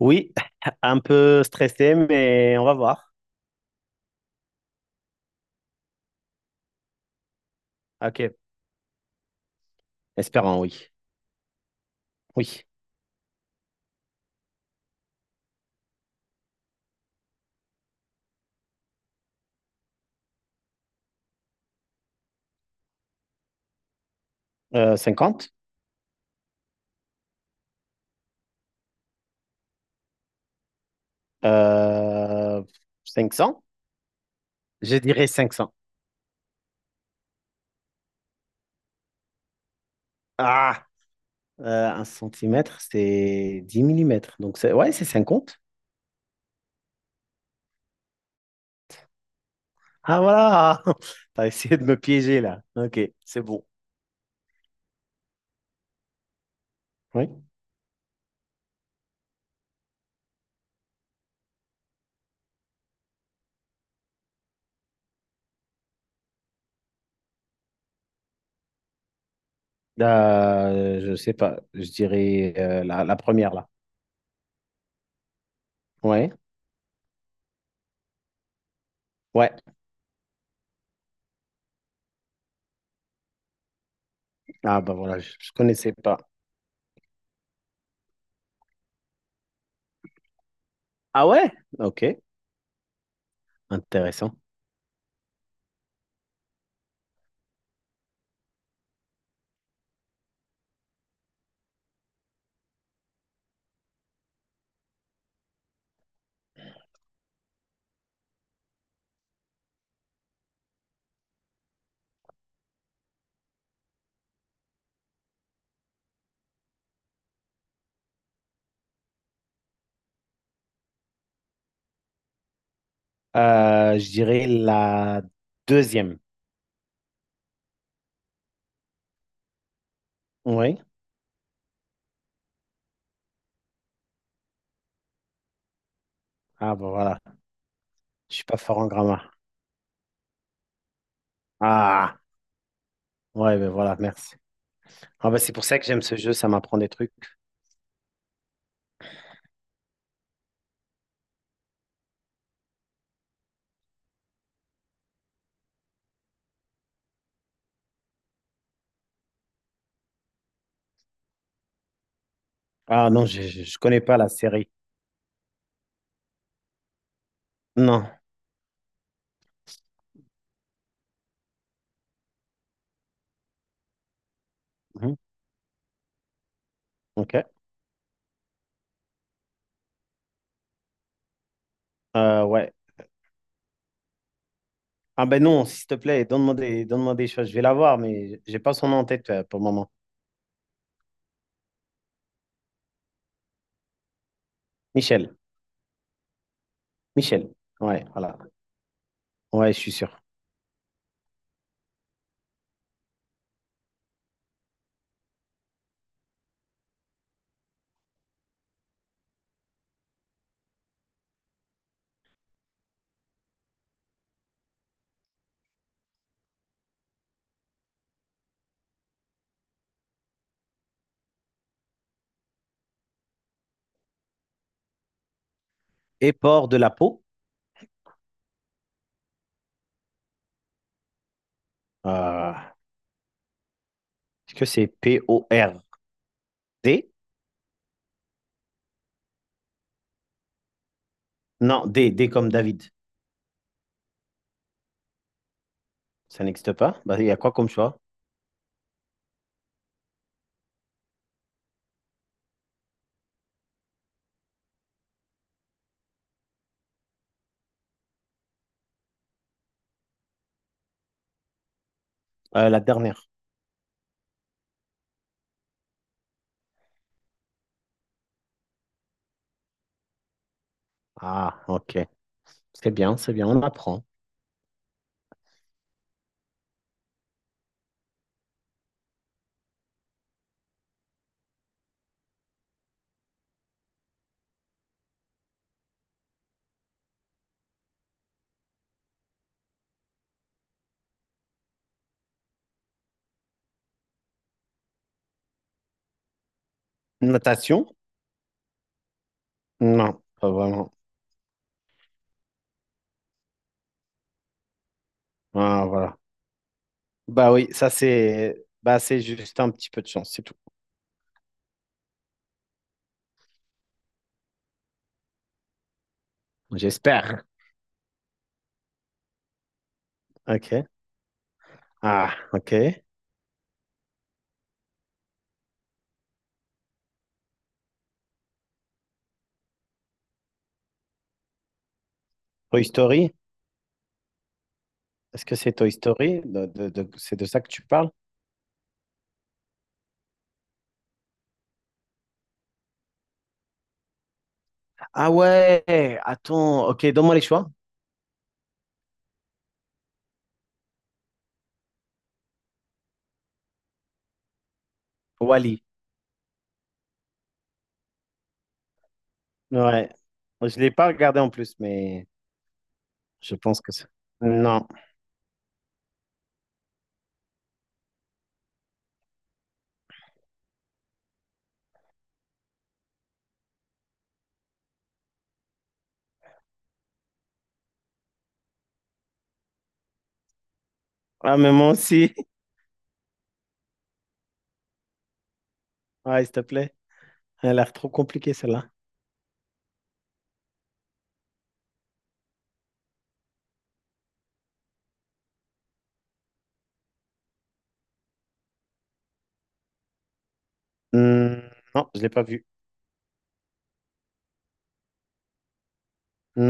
Oui, un peu stressé, mais on va voir. Ok, espérons, oui. Oui. 50? Euh, 500? Je dirais cinq cents. Ah, un centimètre, c'est 10 millimètres. Donc, c'est... ouais, c'est 50. Ah, voilà. T'as essayé de me piéger là. Ok, c'est bon. Oui. Je sais pas. Je dirais la première là. Ouais. Ouais. Ah, bah voilà, je connaissais pas. Ah ouais? Ok, intéressant. Je dirais la deuxième. Oui. Ah, bah voilà. Je suis pas fort en grammaire. Ah, ouais, ben voilà, merci. Ah, bah c'est pour ça que j'aime ce jeu, ça m'apprend des trucs. Ah, non, je connais pas la série. Non. Mhm. Ok. Ouais. Ah, ben non, s'il te plaît, donne-moi des choses. Je vais la voir, mais j'ai pas son nom en tête pour le moment. Michel. Michel. Ouais, voilà. Ouais, je suis sûr. Et port de la peau. Euh, est-ce que c'est P-O-R-D? Non, D, D comme David. Ça n'existe pas? Bah, il y a quoi comme choix? La dernière. Ah, ok. C'est bien, on apprend. Notation? Non, pas vraiment. Ah, voilà. Bah oui, c'est juste un petit peu de chance, c'est tout. J'espère. Ok. Ah, ok. Toy Story? Est-ce que c'est Toy Story? C'est de ça que tu parles? Ah ouais, attends, ok, donne-moi les choix. Wally. Ouais. Je l'ai pas regardé en plus, mais je pense que c'est. Non. Ah, mais moi aussi. Ouais, s'il te plaît. Elle a l'air trop compliquée, celle-là. Hmm, non, je l'ai pas vu.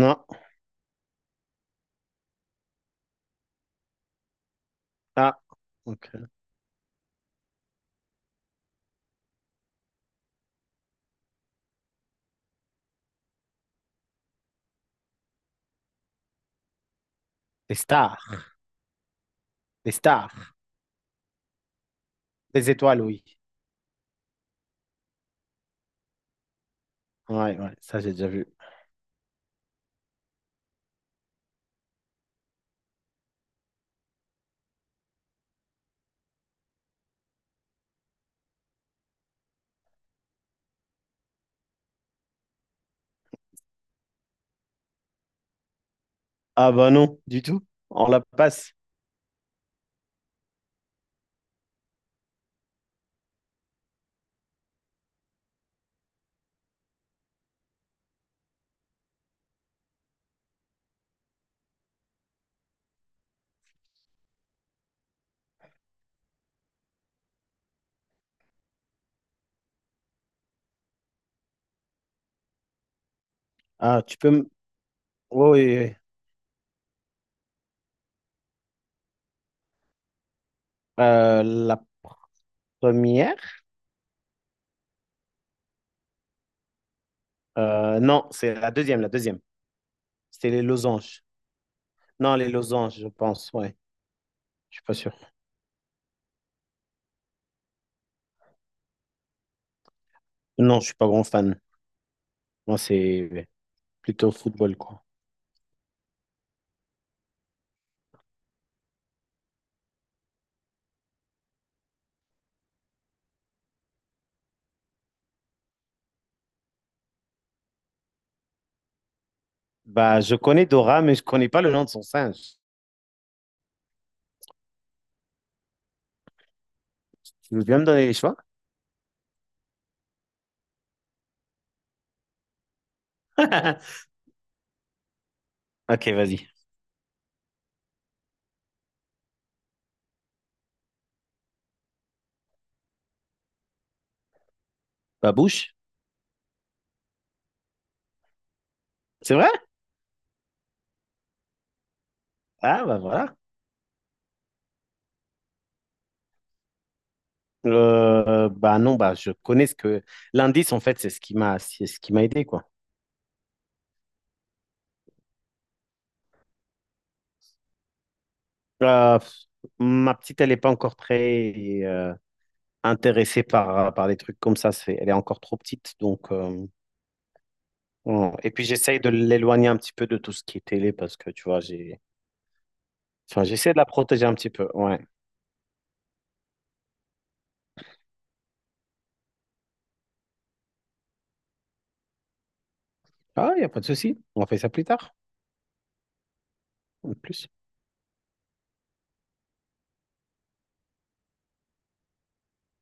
Non. Ah, ok. Les stars. Les stars. Les étoiles, oui. Ouais, ouais, ça j'ai déjà vu. Ah bah non, du tout. On la passe. Ah, tu oui, oui, oui. La première? Non, c'est la deuxième. C'était les losanges. Non, les losanges, je pense, ouais. Je suis pas sûr. Non, je suis pas grand fan. Moi, c'est plutôt football, quoi. Bah, je connais Dora, mais je connais pas le nom de son singe. Tu veux bien me donner les choix? Ok, vas-y. Babouche. C'est vrai? Ah, bah voilà. Bah non, bah je connais ce que... L'indice, en fait, c'est ce qui m'a c'est ce qui m'a aidé, quoi. Euh, ma petite, elle n'est pas encore très intéressée par des trucs comme ça. C'est, elle est encore trop petite, donc... non. Et puis, j'essaye de l'éloigner un petit peu de tout ce qui est télé, parce que, tu vois, j'ai... Enfin, j'essaie de la protéger un petit peu, ouais. Ah, il n'y a pas de souci. On fait ça plus tard, en plus.